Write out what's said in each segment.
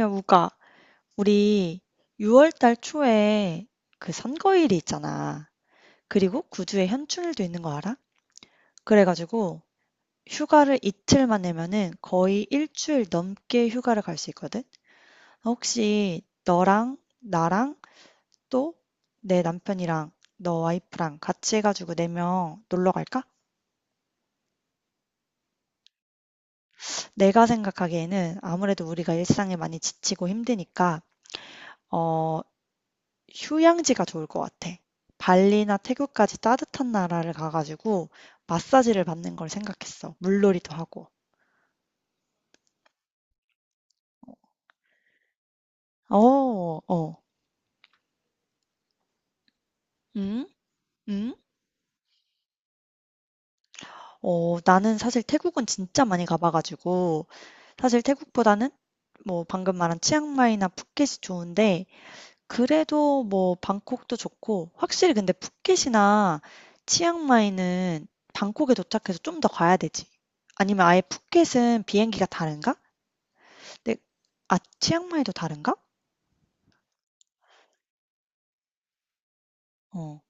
야, 우가, 우리 6월 달 초에 그 선거일이 있잖아. 그리고 9주에 현충일도 있는 거 알아? 그래가지고 휴가를 이틀만 내면은 거의 일주일 넘게 휴가를 갈 수 있거든? 혹시 너랑 나랑 또 내 남편이랑 너 와이프랑 같이 해가지고 4명 놀러 갈까? 내가 생각하기에는 아무래도 우리가 일상에 많이 지치고 힘드니까, 어, 휴양지가 좋을 것 같아. 발리나 태국까지 따뜻한 나라를 가가지고 마사지를 받는 걸 생각했어. 물놀이도 하고. 어, 어. 응? 응? 나는 사실 태국은 진짜 많이 가봐가지고 사실 태국보다는 뭐 방금 말한 치앙마이나 푸켓이 좋은데 그래도 뭐 방콕도 좋고 확실히 근데 푸켓이나 치앙마이는 방콕에 도착해서 좀 더 가야 되지. 아니면 아예 푸켓은 비행기가 다른가? 네. 아 치앙마이도 다른가? 어.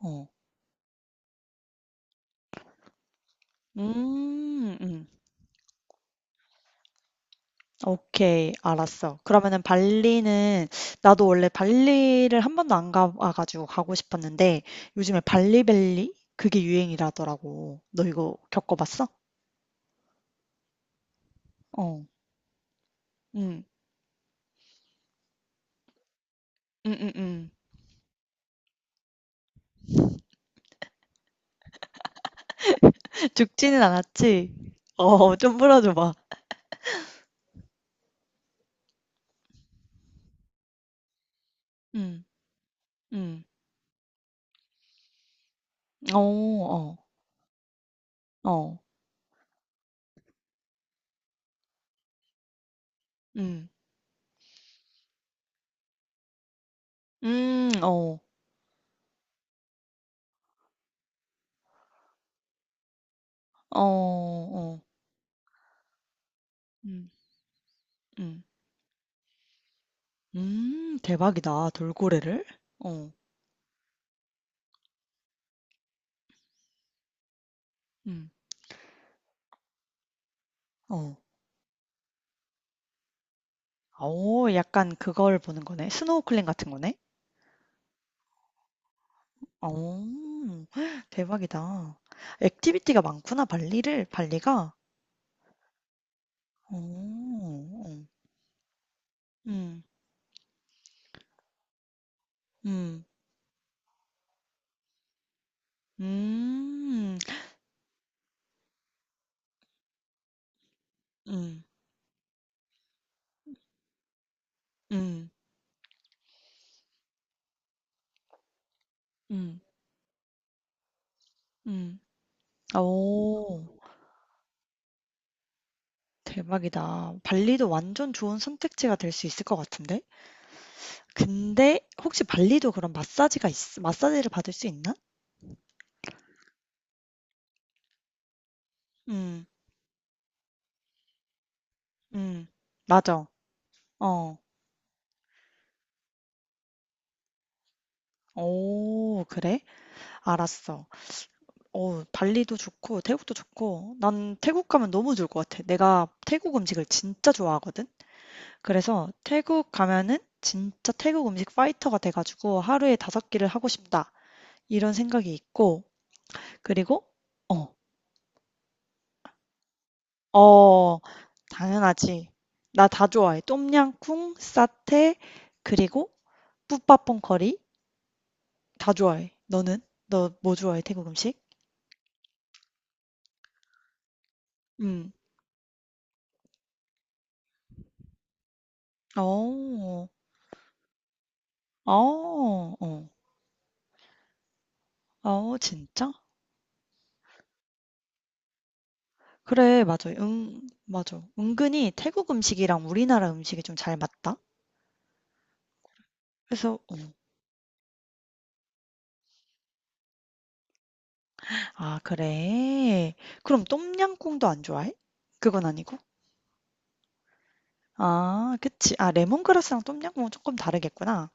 어. 음. 음. 오케이. 알았어. 그러면은 발리는 나도 원래 발리를 한 번도 안 가봐 가지고 가고 싶었는데 요즘에 발리벨리 그게 유행이라더라고. 너 이거 겪어 봤어? 어. 음. 음음응. 죽지는 않았지? 어 좀 풀어줘 봐. 음. 음. 어. 어. 어. 음. 음. 어. 어. 어. 음. 음. 대박이다. 돌고래를? 어. 음. 어. 아오 약간 그걸 보는 거네. 스노클링 같은 거네? 오. 대박이다. 액티비티가 많구나 발리를 발리가. 어. 어. 음. 음. 음. 음. 음. 음. 음. 오, 대박이다. 발리도 완전 좋은 선택지가 될 수 있을 것 같은데? 근데 혹시 발리도 그런 마사지를 받을 수 있나? 음. 음, 맞아. 어. 오, 그래? 알았어. 발리도 좋고, 태국도 좋고, 난 태국 가면 너무 좋을 것 같아. 내가 태국 음식을 진짜 좋아하거든? 그래서 태국 가면은 진짜 태국 음식 파이터가 돼가지고 하루에 다섯 끼를 하고 싶다. 이런 생각이 있고, 그리고, 어, 어, 당연하지. 나 다 좋아해. 똠양꿍, 사태, 그리고 뿌팟퐁 커리 다 좋아해. 너는? 너 뭐 좋아해, 태국 음식? 음. 어. 어, 어. 어, 진짜? 그래 맞아. 응 맞아. 은근히 태국 음식이랑 우리나라 음식이 좀 잘 맞다. 그래서 어. 아 그래? 그럼 똠양꿍도 안 좋아해? 그건 아니고? 아 그치. 아 레몬그라스랑 똠양꿍은 조금 다르겠구나.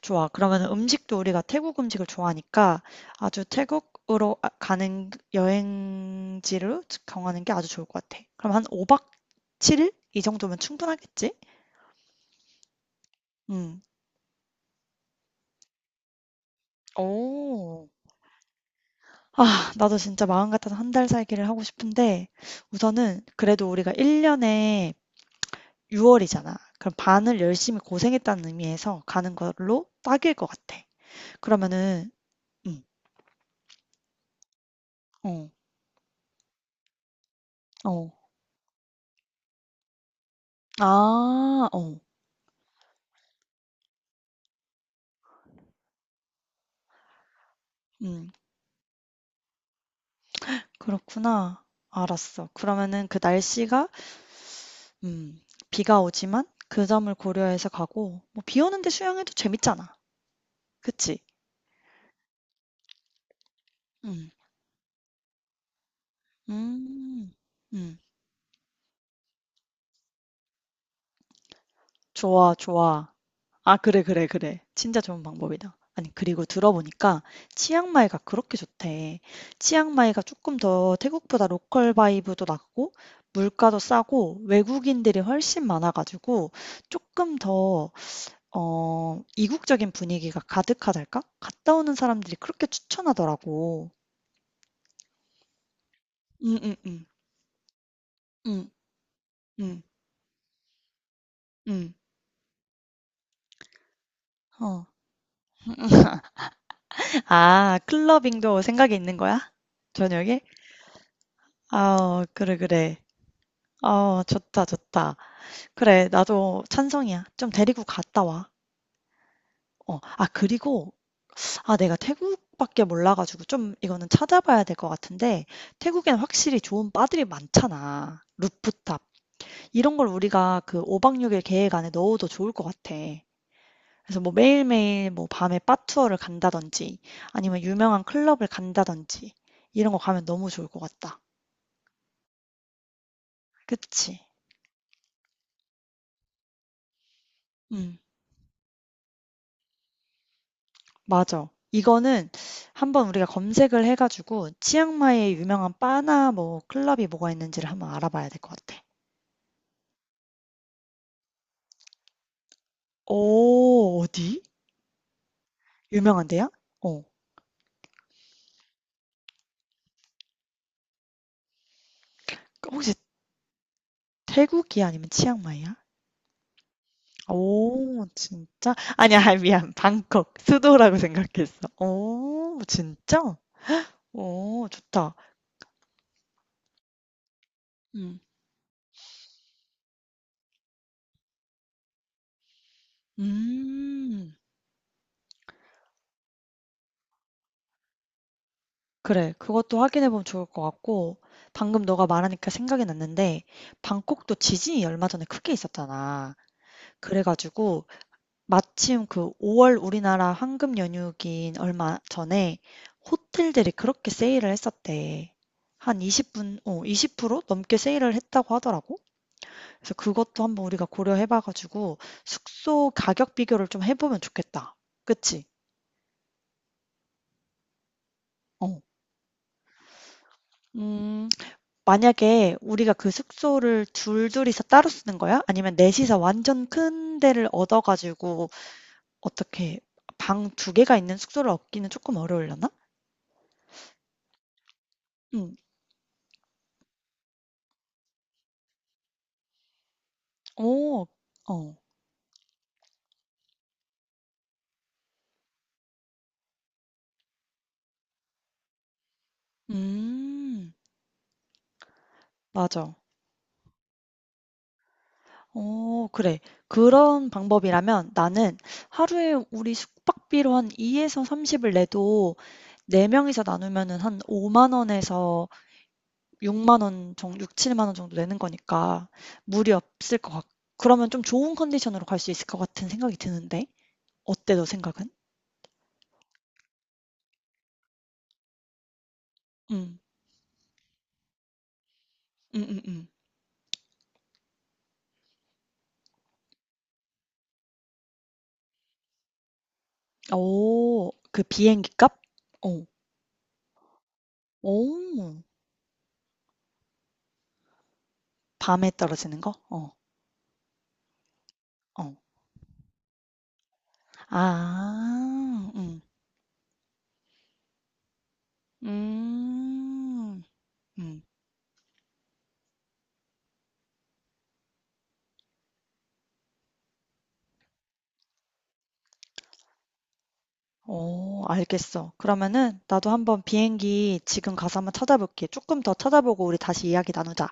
좋아. 그러면 음식도 우리가 태국 음식을 좋아하니까 아주 가는 여행지를 정하는 게 아주 좋을 것 같아. 그럼 한 5박 7일? 이 정도면 충분하겠지? 음. 어. 아 나도 진짜 마음 같아서 한 달 살기를 하고 싶은데 우선은 그래도 우리가 1년에 6월이잖아. 그럼 반을 열심히 고생했다는 의미에서 가는 걸로 딱일 것 같아. 그러면은 음. 어. 어. 아. 어. 음. 그렇구나. 알았어. 그러면은 그 날씨가 음. 비가 오지만 그 점을 고려해서 가고 뭐 비 오는데 수영해도 재밌잖아. 그치? 음. 음. 음. 좋아, 좋아. 아 그래, 그래, 그래. 진짜 좋은 방법이다. 아니 그리고 들어보니까 치앙마이가 그렇게 좋대. 치앙마이가 조금 더 태국보다 로컬 바이브도 낮고 물가도 싸고 외국인들이 훨씬 많아 가지고 조금 더 이국적인 분위기가 가득하달까? 갔다 오는 사람들이 그렇게 추천하더라고. 응응응, 응응응. 어. 아 클러빙도 생각이 있는 거야? 저녁에? 아 그래, 그래. 어 좋다, 좋다. 그래, 나도 찬성이야. 좀 데리고 갔다 와. 어, 아, 그리고, 아, 내가 태국밖에 몰라가지고 좀 이거는 찾아봐야 될 것 같은데, 태국엔 확실히 좋은 바들이 많잖아. 루프탑. 이런 걸 우리가 그 5박 6일 계획 안에 넣어도 좋을 것 같아. 그래서 뭐 매일매일 뭐 밤에 바 투어를 간다든지, 아니면 유명한 클럽을 간다든지, 이런 거 가면 너무 좋을 것 같다. 그치? 음. 맞아. 이거는 한번 우리가 검색을 해 가지고 치앙마이에 유명한 바나 뭐 클럽이 뭐가 있는지를 한번 알아봐야 될 것 같아. 오, 어디? 유명한데요? 어. 그 혹시 태국이야 아니면 치앙마이야? 오, 진짜? 아니야, 아니, 미안. 방콕, 수도라고 생각했어. 오, 진짜? 오, 좋다. 음. 음. 그래. 그것도 확인해 보면 좋을 것 같고 방금 너가 말하니까 생각이 났는데 방콕도 지진이 얼마 전에 크게 있었잖아. 그래 가지고 마침 그 5월 우리나라 황금 연휴긴 얼마 전에 호텔들이 그렇게 세일을 했었대. 한 20% 넘게 세일을 했다고 하더라고. 그래서 그것도 한번 우리가 고려해 봐 가지고 숙소 가격 비교를 좀 해보면 좋겠다. 그치? 어. 음, 만약에 우리가 그 숙소를 둘둘이서 따로 쓰는 거야? 아니면 넷이서 완전 큰 데를 얻어 가지고 어떻게 방 두 개가 있는 숙소를 얻기는 조금 어려울려나? 음. 오. 어. 음. 맞아. 어 그래. 그런 방법이라면 나는 하루에 우리 숙박비로 한2서3 0을 내도 4 명이서 나누면은 한5만 원에서 6만 원 정도, 6, 7만 원 정도 내는 거니까 무리 없을 것 같고. 그러면 좀 좋은 컨디션으로 갈 수 있을 것 같은 생각이 드는데. 어때, 너 생각은? 응, 응, 응, 응. 오, 그 비행기 값? 오, 오, 밤에 떨어지는 거? 어, 어. 아, 응, 음, 음. 오, 알겠어. 그러면은 나도 한번 비행기 지금 가서 한번 찾아볼게. 조금 더 찾아보고 우리 다시 이야기 나누자.